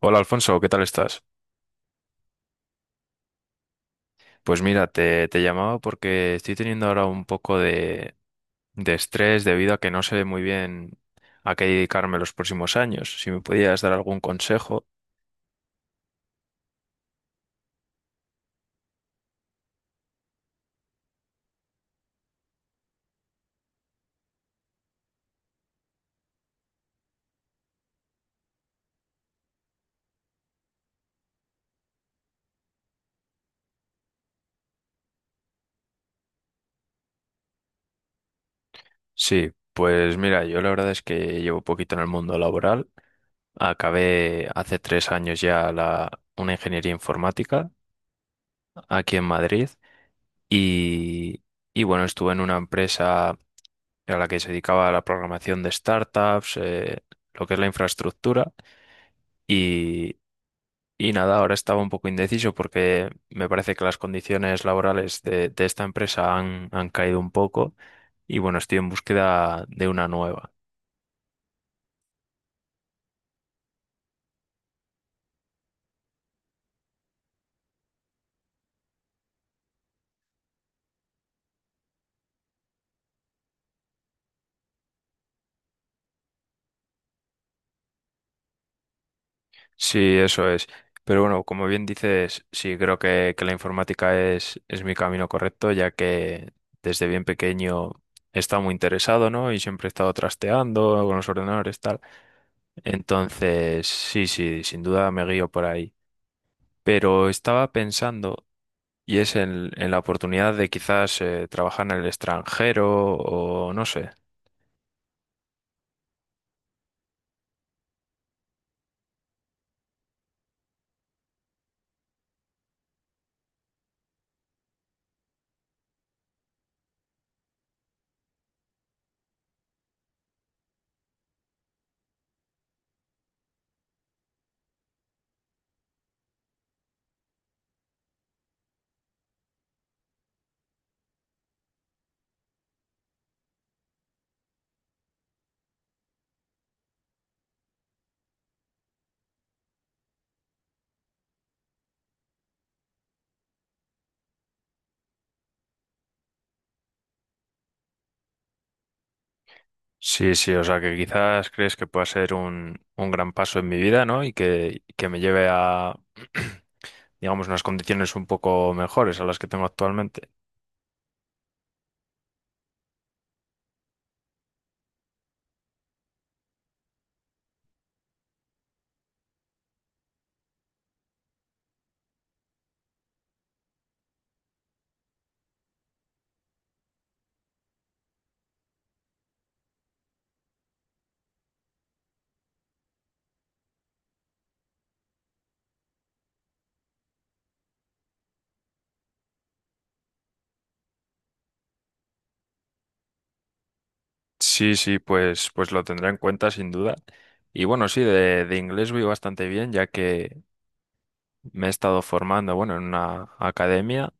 Hola Alfonso, ¿qué tal estás? Pues mira, te llamaba porque estoy teniendo ahora un poco de estrés debido a que no sé muy bien a qué dedicarme los próximos años. Si me podías dar algún consejo. Sí, pues mira, yo la verdad es que llevo poquito en el mundo laboral. Acabé hace 3 años ya una ingeniería informática aquí en Madrid y, y bueno, estuve en una empresa a la que se dedicaba a la programación de startups, lo que es la infraestructura. Y, y nada, ahora estaba un poco indeciso porque me parece que las condiciones laborales de esta empresa han caído un poco y bueno, estoy en búsqueda de una nueva. Sí, eso es. Pero bueno, como bien dices, sí, creo que la informática es mi camino correcto, ya que desde bien pequeño he estado muy interesado, ¿no? Y siempre he estado trasteando con los ordenadores, tal. Entonces, sí, sí, sin duda me guío por ahí. Pero estaba pensando. Y es en la oportunidad de quizás trabajar en el extranjero o no sé. Sí, sí, o sea que quizás crees que pueda ser un gran paso en mi vida, ¿no? Y que me lleve a, digamos, unas condiciones un poco mejores a las que tengo actualmente. Sí, sí, pues lo tendré en cuenta sin duda. Y bueno, sí, de inglés voy bastante bien, ya que me he estado formando, bueno, en una academia.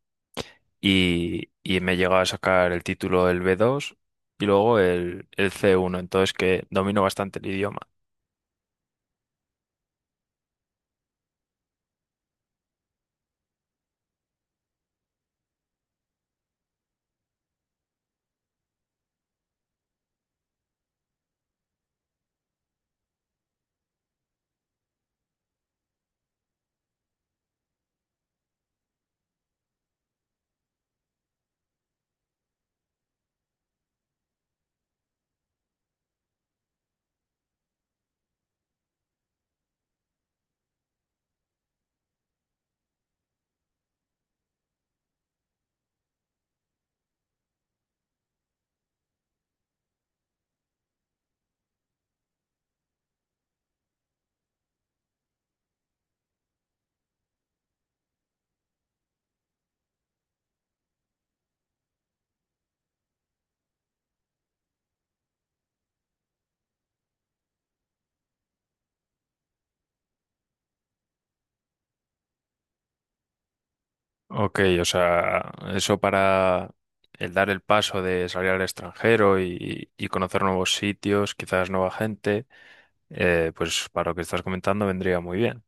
Y, y me he llegado a sacar el título el B2 y luego el C1, entonces que domino bastante el idioma. Ok, o sea, eso para el dar el paso de salir al extranjero y conocer nuevos sitios, quizás nueva gente, pues para lo que estás comentando vendría muy bien.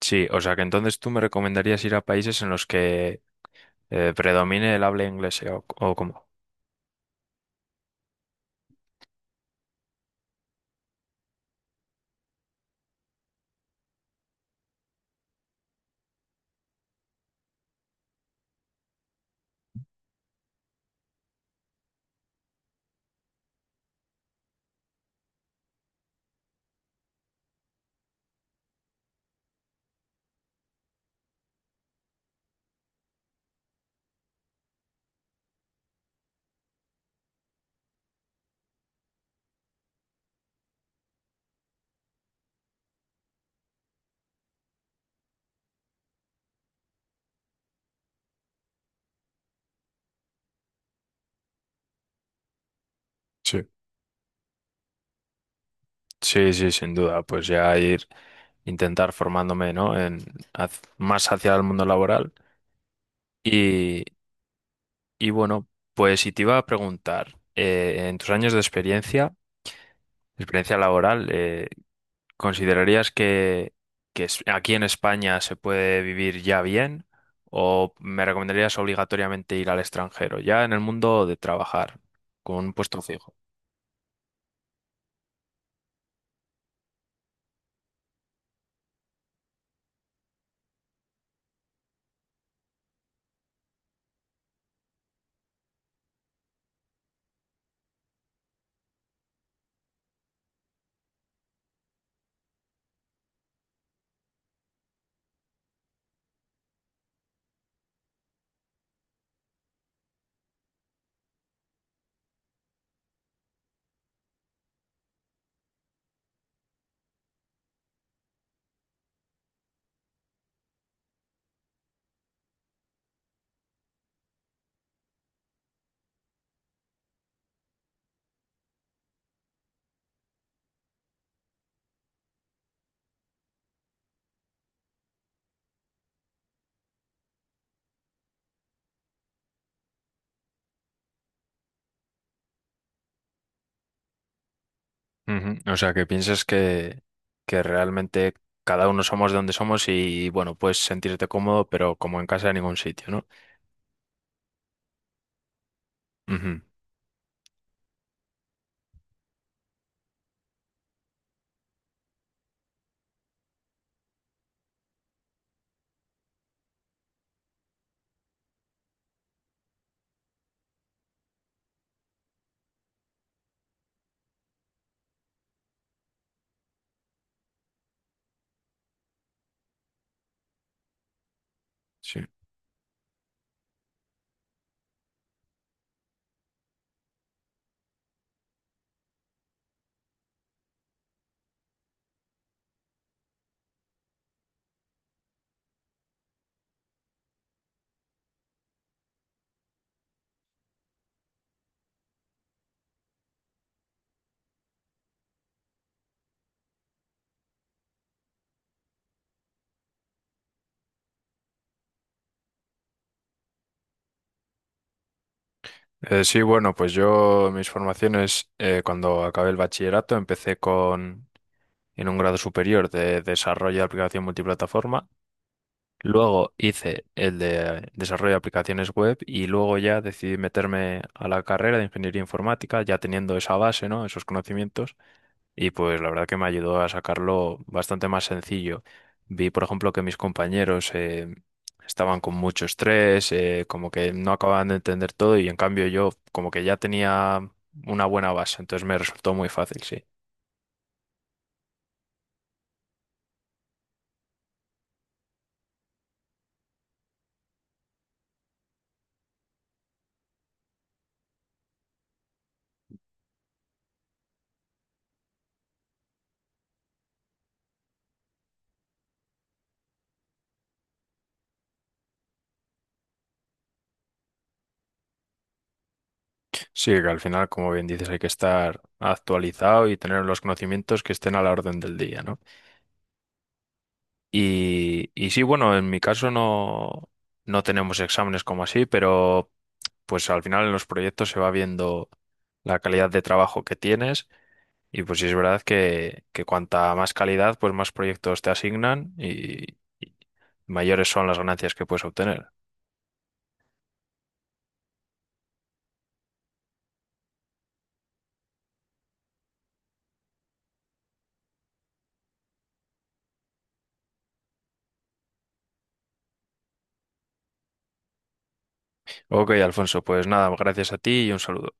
Sí, o sea que entonces tú me recomendarías ir a países en los que predomine el habla inglesa o cómo. Sí. Sí, sí, sin duda. Pues ya ir, intentar formándome, ¿no? En, más hacia el mundo laboral. Y, y bueno, pues si te iba a preguntar, en tus años de experiencia, laboral, ¿considerarías que aquí en España se puede vivir ya bien? ¿O me recomendarías obligatoriamente ir al extranjero, ya en el mundo de trabajar, con un puesto fijo? Ujú. O sea, que piensas que realmente cada uno somos de donde somos y bueno, puedes sentirte cómodo, pero como en casa en ningún sitio, ¿no? Ujú. Sí. Sí, bueno, pues yo mis formaciones, cuando acabé el bachillerato, empecé con en un grado superior de desarrollo de aplicación multiplataforma. Luego hice el de desarrollo de aplicaciones web y luego ya decidí meterme a la carrera de ingeniería informática, ya teniendo esa base, ¿no? Esos conocimientos. Y pues la verdad que me ayudó a sacarlo bastante más sencillo. Vi, por ejemplo, que mis compañeros estaban con mucho estrés, como que no acababan de entender todo y en cambio yo como que ya tenía una buena base, entonces me resultó muy fácil, sí. Sí, que al final, como bien dices, hay que estar actualizado y tener los conocimientos que estén a la orden del día, ¿no? Y sí, bueno, en mi caso no, no tenemos exámenes como así, pero pues al final en los proyectos se va viendo la calidad de trabajo que tienes y pues sí es verdad que cuanta más calidad, pues más proyectos te asignan y mayores son las ganancias que puedes obtener. Ok, Alfonso, pues nada, gracias a ti y un saludo.